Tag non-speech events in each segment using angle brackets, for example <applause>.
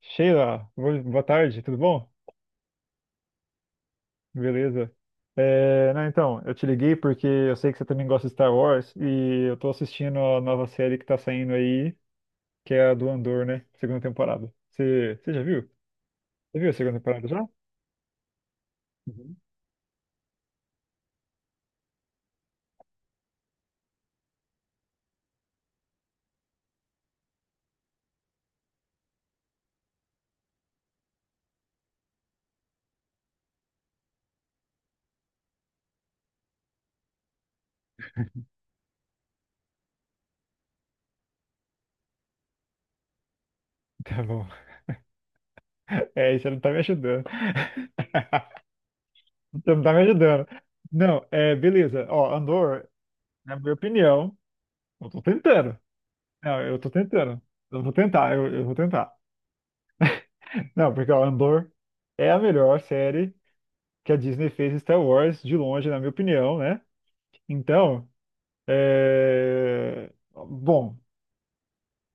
Sheila, boa tarde, tudo bom? Beleza. É, não, então, eu te liguei porque eu sei que você também gosta de Star Wars e eu tô assistindo a nova série que tá saindo aí, que é a do Andor, né? Segunda temporada. Você já viu? Você viu a segunda temporada já? Uhum. Tá bom. <laughs> É, isso não tá me ajudando. <laughs> Você não tá me ajudando. Não, é, beleza. Ó, Andor, na minha opinião, eu tô tentando. Não, eu tô tentando. Eu vou tentar, eu vou tentar. Não, porque ó, Andor é a melhor série que a Disney fez em Star Wars, de longe, na minha opinião, né? Então, é... bom,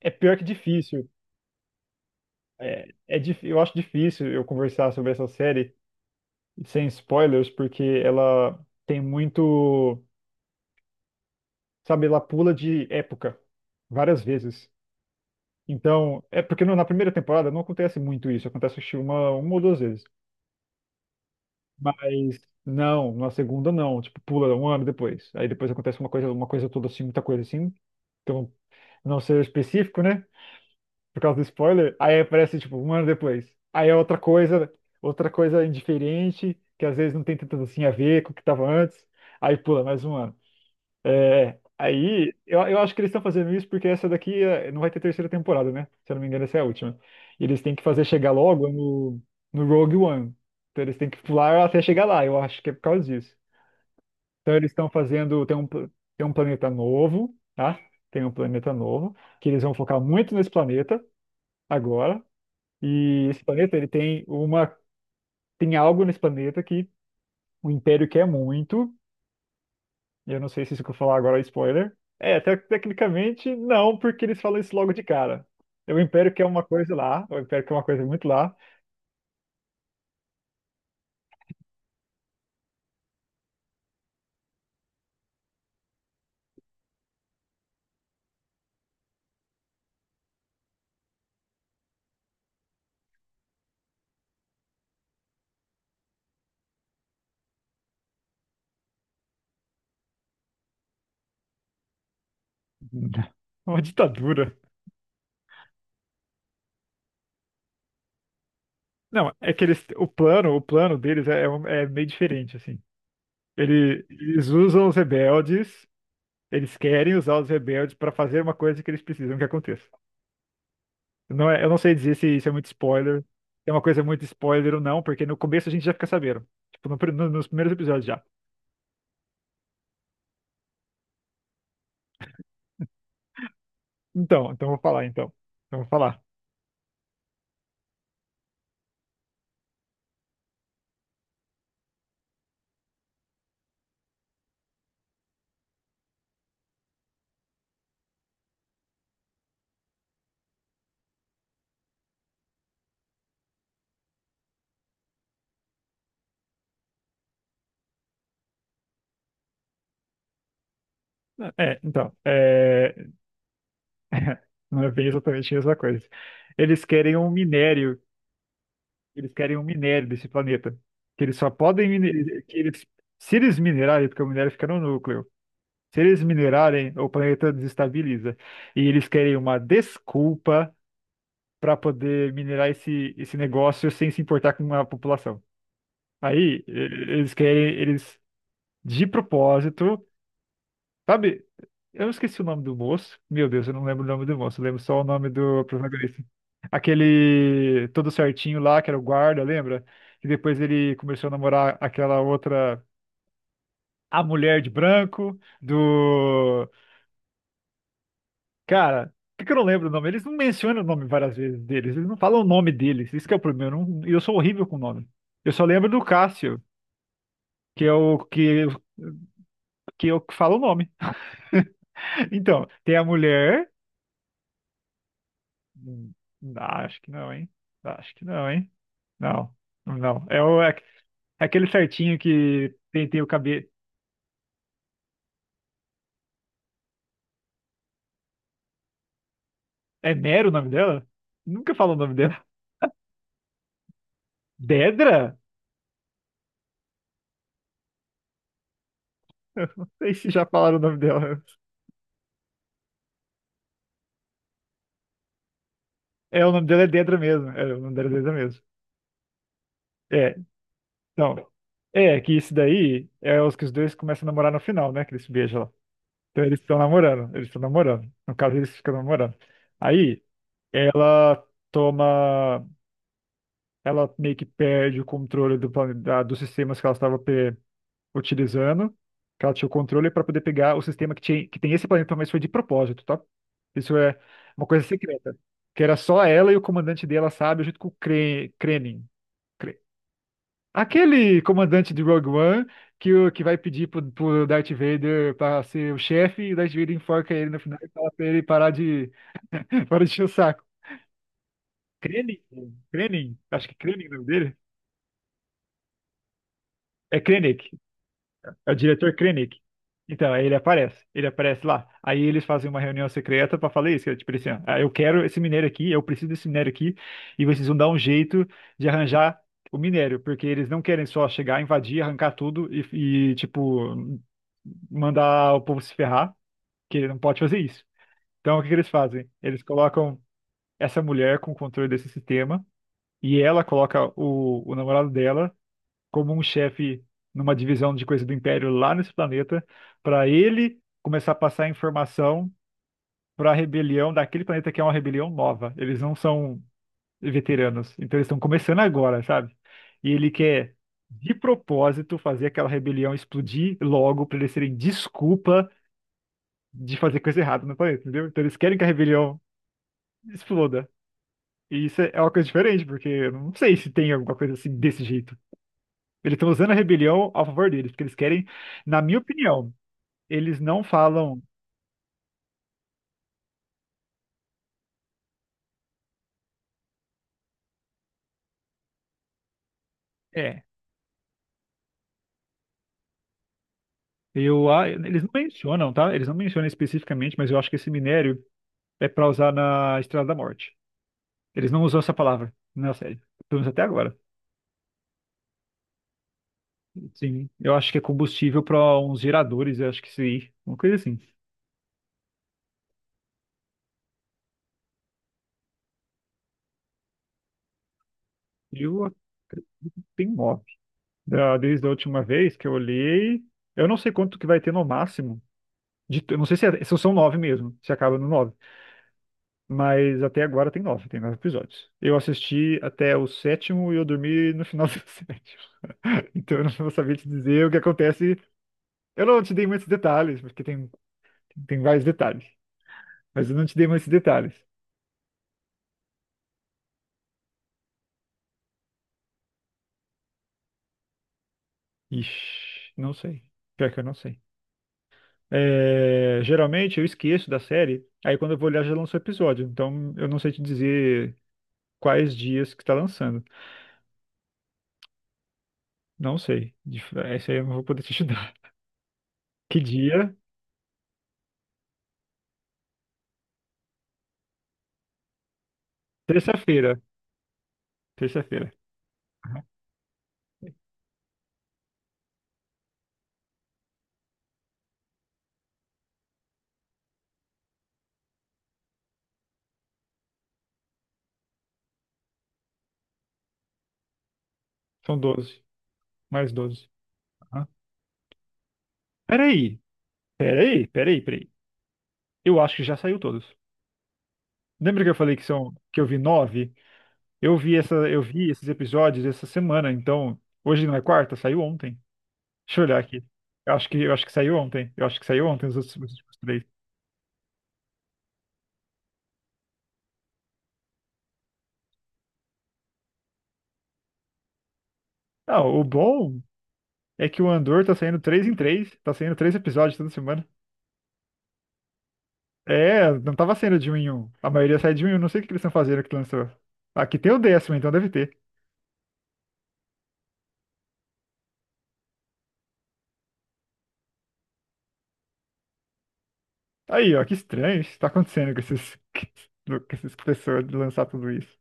é pior que difícil. Eu acho difícil eu conversar sobre essa série sem spoilers, porque ela tem muito, sabe, ela pula de época várias vezes. Então, é porque na primeira temporada não acontece muito isso, acontece acho que uma ou duas vezes. Mas não, na segunda não, tipo, pula um ano depois. Aí depois acontece uma coisa toda assim, muita coisa assim, então não, ser específico, né? Por causa do spoiler. Aí aparece, tipo, um ano depois. Aí é outra coisa indiferente, que às vezes não tem tanto assim a ver com o que tava antes. Aí pula mais um ano. É, aí, eu acho que eles estão fazendo isso porque essa daqui é, não vai ter terceira temporada, né? Se eu não me engano, essa é a última. E eles têm que fazer chegar logo no Rogue One. Então eles têm que pular até chegar lá, eu acho que é por causa disso. Então eles estão fazendo, tem um planeta novo, tá? Tem um planeta novo, que eles vão focar muito nesse planeta agora. E esse planeta, ele tem uma, tem algo nesse planeta que o Império quer muito. Eu não sei se isso que eu falar agora é spoiler. É, tecnicamente não, porque eles falam isso logo de cara. O Império quer uma coisa lá, o Império quer uma coisa muito lá. <laughs> Uma ditadura. Não, é que eles, o plano deles é, é meio diferente, assim. Eles usam os rebeldes. Eles querem usar os rebeldes para fazer uma coisa que eles precisam que aconteça. Não é, eu não sei dizer se isso é muito spoiler, se é uma coisa muito spoiler ou não, porque no começo a gente já fica sabendo. Tipo, nos primeiros episódios já. Então, então eu vou falar. Então eu vou falar. É, então, é... <laughs> não é bem exatamente a mesma coisa. Eles querem um minério, eles querem um minério desse planeta, que eles se eles minerarem, porque o minério fica no núcleo. Se eles minerarem, o planeta desestabiliza. E eles querem uma desculpa para poder minerar esse negócio sem se importar com a população. Aí, eles querem, eles, de propósito, sabe? Eu esqueci o nome do moço. Meu Deus, eu não lembro o nome do moço, eu lembro só o nome do protagonista. Aquele todo certinho lá, que era o guarda, lembra? E depois ele começou a namorar aquela outra, a mulher de branco, do. Cara, por que que eu não lembro o nome? Eles não mencionam o nome várias vezes deles, eles não falam o nome deles, isso que é o problema. Eu, não- eu sou horrível com nome. Eu só lembro do Cássio, que é o que, que eu que falo o nome. <laughs> Então, tem a mulher. Hum, Acho que não, hein? Acho que não, hein? Não, não. É, o, é é aquele certinho que tem, tem o cabelo. É Nero o nome dela? Nunca falo o nome dela. Dedra? <laughs> Eu não sei se já falaram o nome dela. É, o nome dela é Dedra mesmo. É, o nome dela é Dedra mesmo. É, então, é que isso daí é os que os dois começam a namorar no final, né? Que eles se beijam lá. Então eles estão namorando, eles estão namorando. No caso, eles ficam namorando. Aí ela toma, ela meio que perde o controle dos sistemas que ela estava utilizando, que ela tinha o controle para poder pegar o sistema que, tinha, que tem esse planeta, mas foi de propósito, tá? Isso é uma coisa secreta, que era só ela e o comandante dela, sabe, junto com o Krenin. Aquele comandante de Rogue One que, que vai pedir pro Darth Vader para ser o chefe e o Darth Vader enforca ele no final e fala pra ele parar de, <laughs> parar de encher o saco. Krennic? Krennic? Acho que Krennic é o nome dele. É Krennic. É o diretor Krennic. Então, aí ele aparece. Ele aparece lá. Aí eles fazem uma reunião secreta pra falar isso, que é tipo assim, ó, ah, eu quero esse minério aqui, eu preciso desse minério aqui, e vocês vão dar um jeito de arranjar o minério, porque eles não querem só chegar, invadir, arrancar tudo tipo, mandar o povo se ferrar, que ele não pode fazer isso. Então, o que que eles fazem? Eles colocam essa mulher com o controle desse sistema, e ela coloca o namorado dela como um chefe numa divisão de coisa do Império lá nesse planeta, para ele começar a passar informação para a rebelião daquele planeta que é uma rebelião nova. Eles não são veteranos, então eles estão começando agora, sabe? E ele quer de propósito fazer aquela rebelião explodir logo para eles terem desculpa de fazer coisa errada no planeta, entendeu? Então eles querem que a rebelião exploda. E isso é uma coisa diferente, porque eu não sei se tem alguma coisa assim desse jeito. Eles estão usando a rebelião a favor deles, porque eles querem, na minha opinião, eles não falam. É, eles não mencionam, tá? Eles não mencionam especificamente, mas eu acho que esse minério é para usar na Estrela da Morte. Eles não usam essa palavra na série, pelo menos até agora. Sim, eu acho que é combustível para uns geradores, eu acho que sim, uma coisa assim. Eu tenho mob. Desde a última vez que eu olhei, eu não sei quanto que vai ter no máximo. De, eu não sei se, se são nove mesmo, se acaba no nove. Mas até agora tem nove episódios. Eu assisti até o sétimo e eu dormi no final do <laughs> sétimo. Então eu não vou saber te dizer o que acontece. Eu não te dei muitos detalhes, porque tem vários detalhes. Mas eu não te dei muitos detalhes. Ixi, não sei. Pior que eu não sei. É, geralmente eu esqueço da série, aí quando eu vou olhar já lançou o episódio. Então eu não sei te dizer quais dias que está lançando. Não sei. De- essa aí eu não vou poder te ajudar. <laughs> Que dia? Terça-feira. Terça-feira. São 12. Mais 12. Aham. Peraí, peraí, peraí, peraí. Eu acho que já saiu todos. Lembra que eu falei que são que eu vi nove? Eu vi esses episódios essa semana, então hoje não é quarta, saiu ontem. Deixa eu olhar aqui. Eu acho que saiu ontem. Eu acho que saiu ontem os últimos três. Ah, o bom é que o Andor tá saindo três em três, tá saindo três episódios toda semana. É, não tava saindo de um em um. A maioria sai de um em um. Não sei o que eles estão fazendo que lançou. Aqui tem o décimo, então deve ter. Aí, ó, que estranho isso tá acontecendo com esses, <laughs> com essas pessoas de lançar tudo isso.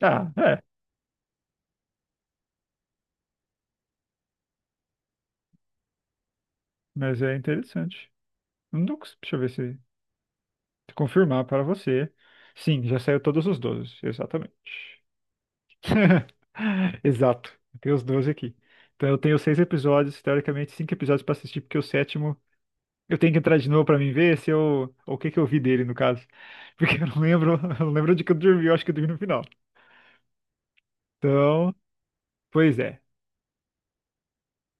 Ah, é, mas é interessante. Não tô cons- deixa eu ver se confirmar para você. Sim, já saiu todos os 12, exatamente. <laughs> Exato, eu tenho os 12 aqui. Então eu tenho seis episódios, teoricamente cinco episódios para assistir, porque o sétimo eu tenho que entrar de novo para mim ver se eu, o que que eu vi dele no caso, <laughs> porque eu não lembro, <laughs> eu não lembro de que eu dormi, eu acho que eu dormi no final. Então, pois é.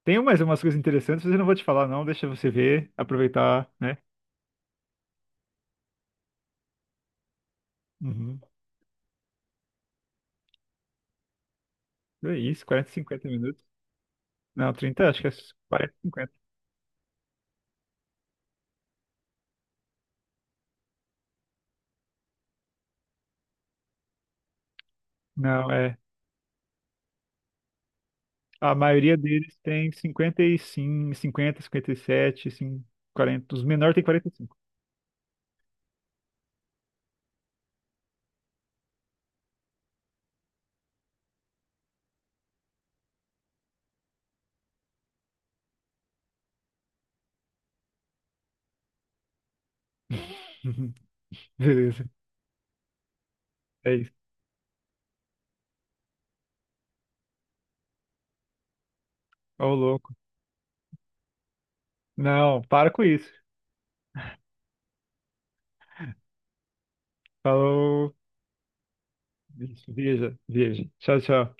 Tem mais umas coisas interessantes, mas eu não vou te falar, não. Deixa você ver, aproveitar, né? Uhum. É isso, 40, 50 minutos. Não, 30. Acho que é 40, 50. Não, é. A maioria deles tem 50, 55, 50, 57, sim, 40. Os menores têm 45. Uhum. <laughs> Beleza, é isso. Ô, louco. Não, para com isso. Falou. Isso, veja, veja. Tchau, tchau.